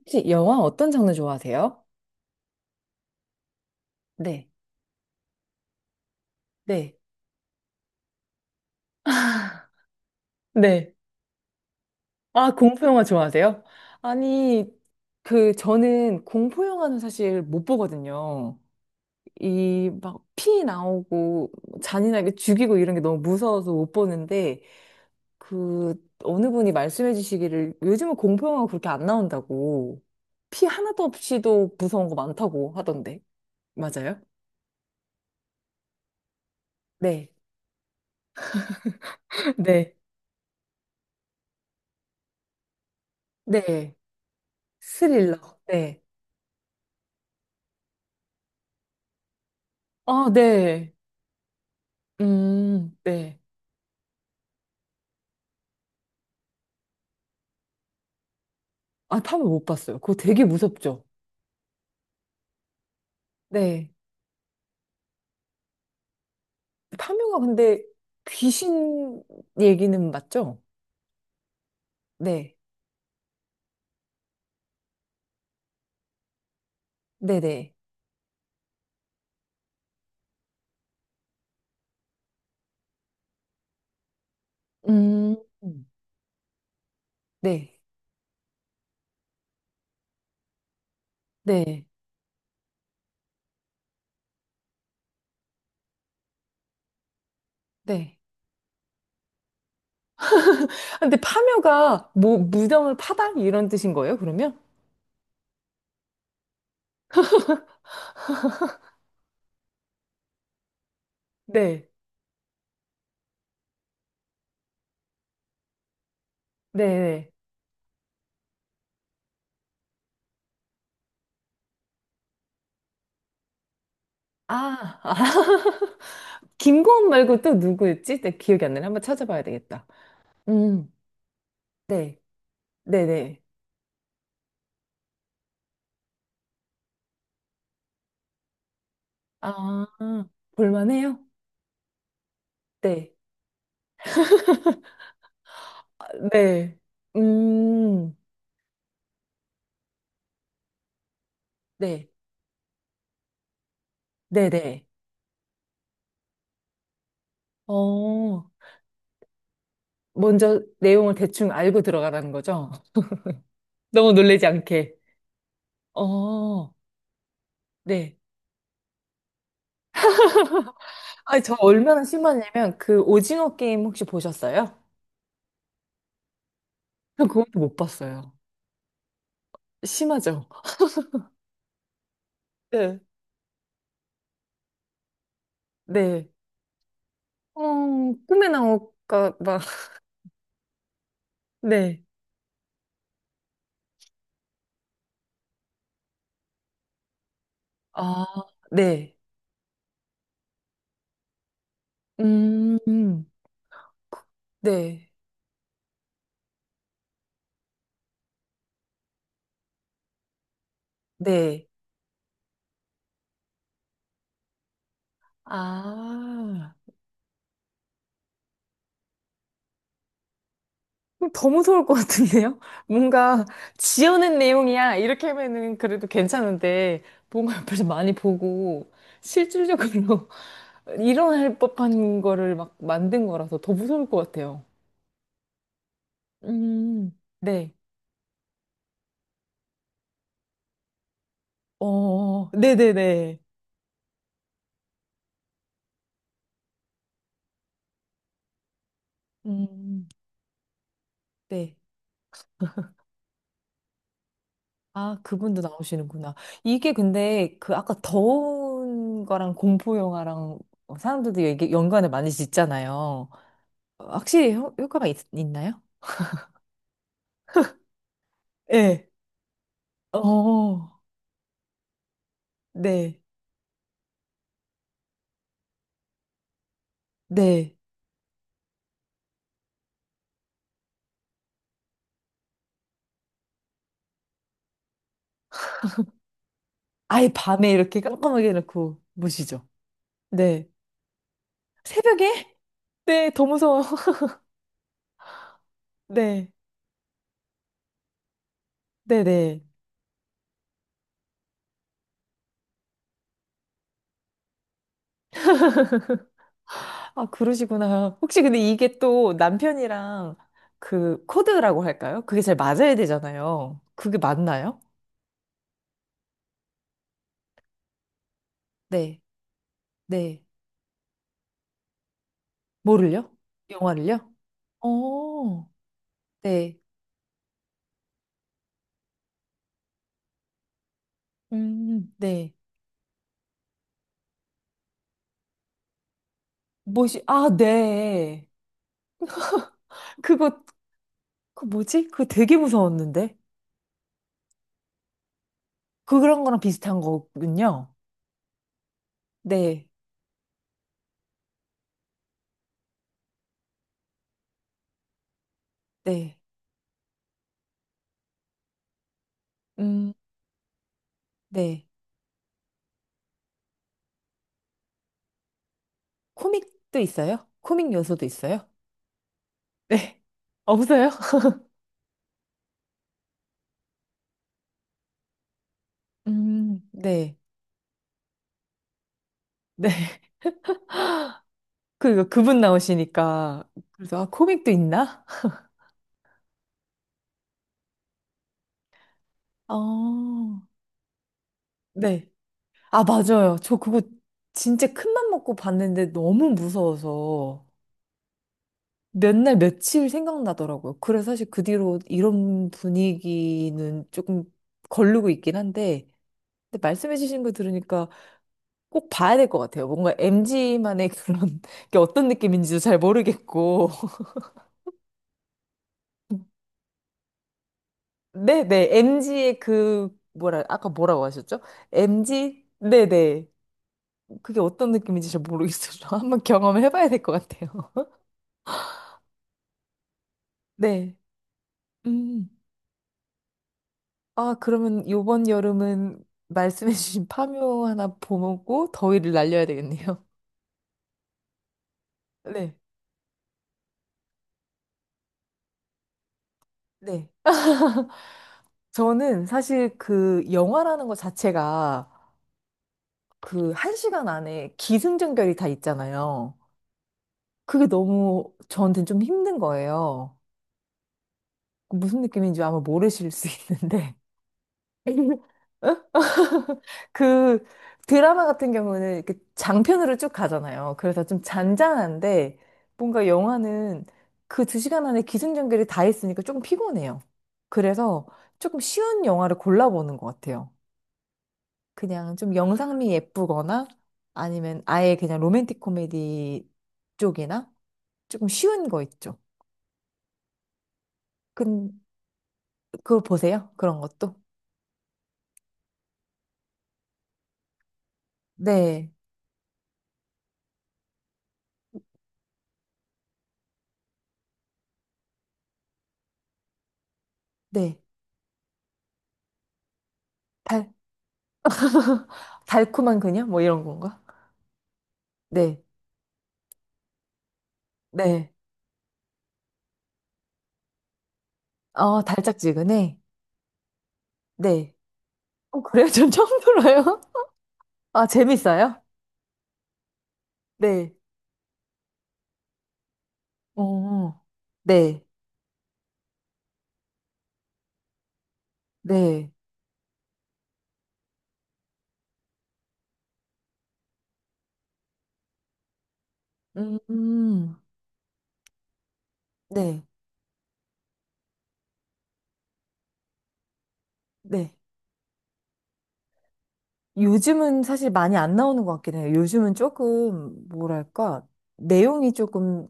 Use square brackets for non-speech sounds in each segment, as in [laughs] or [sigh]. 혹시 영화 어떤 장르 좋아하세요? 네, 네. 네. 아, 공포 영화 좋아하세요? 아니, 그, 저는 공포 영화는 사실 못 보거든요. 이, 막, 피 나오고, 잔인하게 죽이고 이런 게 너무 무서워서 못 보는데, 그, 어느 분이 말씀해 주시기를, 요즘은 공포 영화가 그렇게 안 나온다고, 피 하나도 없이도 무서운 거 많다고 하던데. 맞아요? 네, [laughs] 네. 네. 스릴러. 네. 아, 네. 네. 아, 파묘 못 봤어요. 그거 되게 무섭죠? 네. 파묘가 근데 귀신 얘기는 맞죠? 네. 네네. 음, 네. 네. 네. 아, 근데 파묘가 뭐, 무덤을 파다? 이런 뜻인 거예요, 그러면? 네. 네네. 아, 아. [laughs] 김고은 말고 또 누구였지? 내 기억이 안 나네. 한번 찾아봐야 되겠다. 음, 네. 네네. 아, 볼만해요? 네. 네. 음, 네. 네네. 어, 먼저 내용을 대충 알고 들어가라는 거죠? [laughs] 너무 놀라지 않게. 어, 네. 아니, 저 얼마나 심하냐면, 그 오징어 게임 혹시 보셨어요? 저 그것도 못 봤어요. 심하죠? 네. 네. 어, 꿈에 나올까 봐. [laughs] 네. 아, 네. 음, 네. 네. 아. 더 무서울 것 같은데요? [laughs] 뭔가 지어낸 내용이야. 이렇게 하면은 그래도 괜찮은데, 뭔가 옆에서 많이 보고, 실질적으로 [laughs] 일어날 법한 거를 막 만든 거라서 더 무서울 것 같아요. 음, 네. 어, 네네네. 음, 네. 아, 그분도 나오시는구나. 이게 근데 그 아까 더운 거랑 공포 영화랑 사람들도 이게 연관을 많이 짓잖아요. 확실히 효, 과가 있, 있나요? 어, 네, 네. 아예 밤에 이렇게 깜깜하게 해놓고 보시죠. 네. 새벽에? 네, 더 무서워. [laughs] 네, 네, 네. 아, 그러시구나. 혹시 근데 이게 또 남편이랑 그 코드라고 할까요? 그게 잘 맞아야 되잖아요. 그게 맞나요? 네, 네. 뭐를요? 영화를요? 어, 네. 네. 뭐지? 아, 네. 그거, 그 뭐지? 그거 되게 무서웠는데. 그런 거랑 비슷한 거군요. 네, 네, 음, 네. 코믹도 있어요? 코믹 요소도 있어요? 네. [laughs] 없어요? [laughs] 네, 네. [laughs] 그, 그분 나오시니까. 그래서, 아, 코믹도 있나? 어, 네. 아, 맞아요. 저 그거 진짜 큰 맘 먹고 봤는데 너무 무서워서 몇 날 며칠 생각나더라고요. 그래서 사실 그 뒤로 이런 분위기는 조금 걸르고 있긴 한데, 근데 말씀해주신 거 들으니까 꼭 봐야 될 것 같아요. 뭔가 MG만의 그런 [laughs] 게 어떤 느낌인지도 잘 모르겠고. [laughs] 네네, MG의 그, 뭐라, 아까 뭐라고 하셨죠? MG? 네네. 그게 어떤 느낌인지 잘 모르겠어요. [laughs] 한번 경험을 해봐야 될 것 같아요. [laughs] 네. 음. 아, 그러면 요번 여름은 말씀해주신 파묘 하나 보고 더위를 날려야 되겠네요. [laughs] 네. 네. 저는 사실 그 영화라는 것 자체가 그 한 시간 안에 기승전결이 다 있잖아요. 그게 너무 저한테는 좀 힘든 거예요. 그 무슨 느낌인지 아마 모르실 수 있는데. [laughs] 그 드라마 같은 경우는 이렇게 장편으로 쭉 가잖아요. 그래서 좀 잔잔한데 뭔가 영화는 그 두 시간 안에 기승전결이 다 있으니까 조금 피곤해요. 그래서 조금 쉬운 영화를 골라보는 것 같아요. 그냥 좀 영상미 예쁘거나 아니면 아예 그냥 로맨틱 코미디 쪽이나 조금 쉬운 거 있죠. 근 그거 보세요. 그런 것도. 네. 네. 달 달콤한 그녀 뭐 이런 건가? 네. 네. 어, 달짝지근해. 네. 어, 그래요? 전 처음 들어요. [laughs] 아, 재밌어요? 네. 어. 네. 네. 음. 네. 네. 요즘은 사실 많이 안 나오는 것 같긴 해요. 요즘은 조금 뭐랄까? 내용이 조금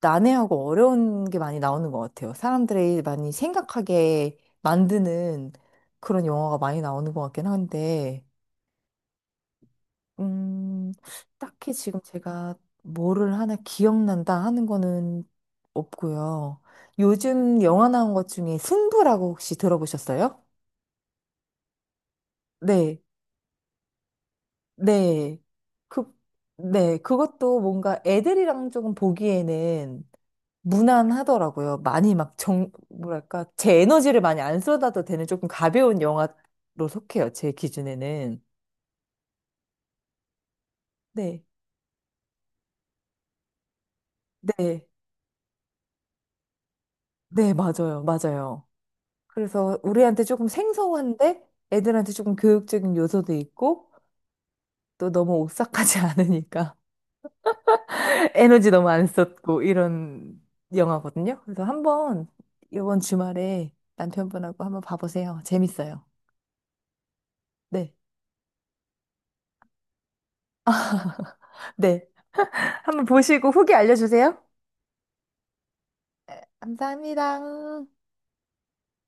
난해하고 어려운 게 많이 나오는 것 같아요. 사람들이 많이 생각하게 만드는 그런 영화가 많이 나오는 것 같긴 한데, 음, 딱히 지금 제가 뭐를 하나 기억난다 하는 거는 없고요. 요즘 영화 나온 것 중에 승부라고 혹시 들어보셨어요? 네, 네. 그, 네. 그것도 뭔가 애들이랑 조금 보기에는 무난하더라고요. 많이 막 정, 뭐랄까, 제 에너지를 많이 안 쏟아도 되는 조금 가벼운 영화로 속해요. 제 기준에는. 네. 네. 네, 맞아요. 맞아요. 그래서 우리한테 조금 생소한데 애들한테 조금 교육적인 요소도 있고 또 너무 오싹하지 않으니까 [laughs] 에너지 너무 안 썼고 이런 영화거든요. 그래서 한번 이번 주말에 남편분하고 한번 봐보세요. 재밌어요. 네. 네. 한번 보시고 후기 알려주세요. 감사합니다.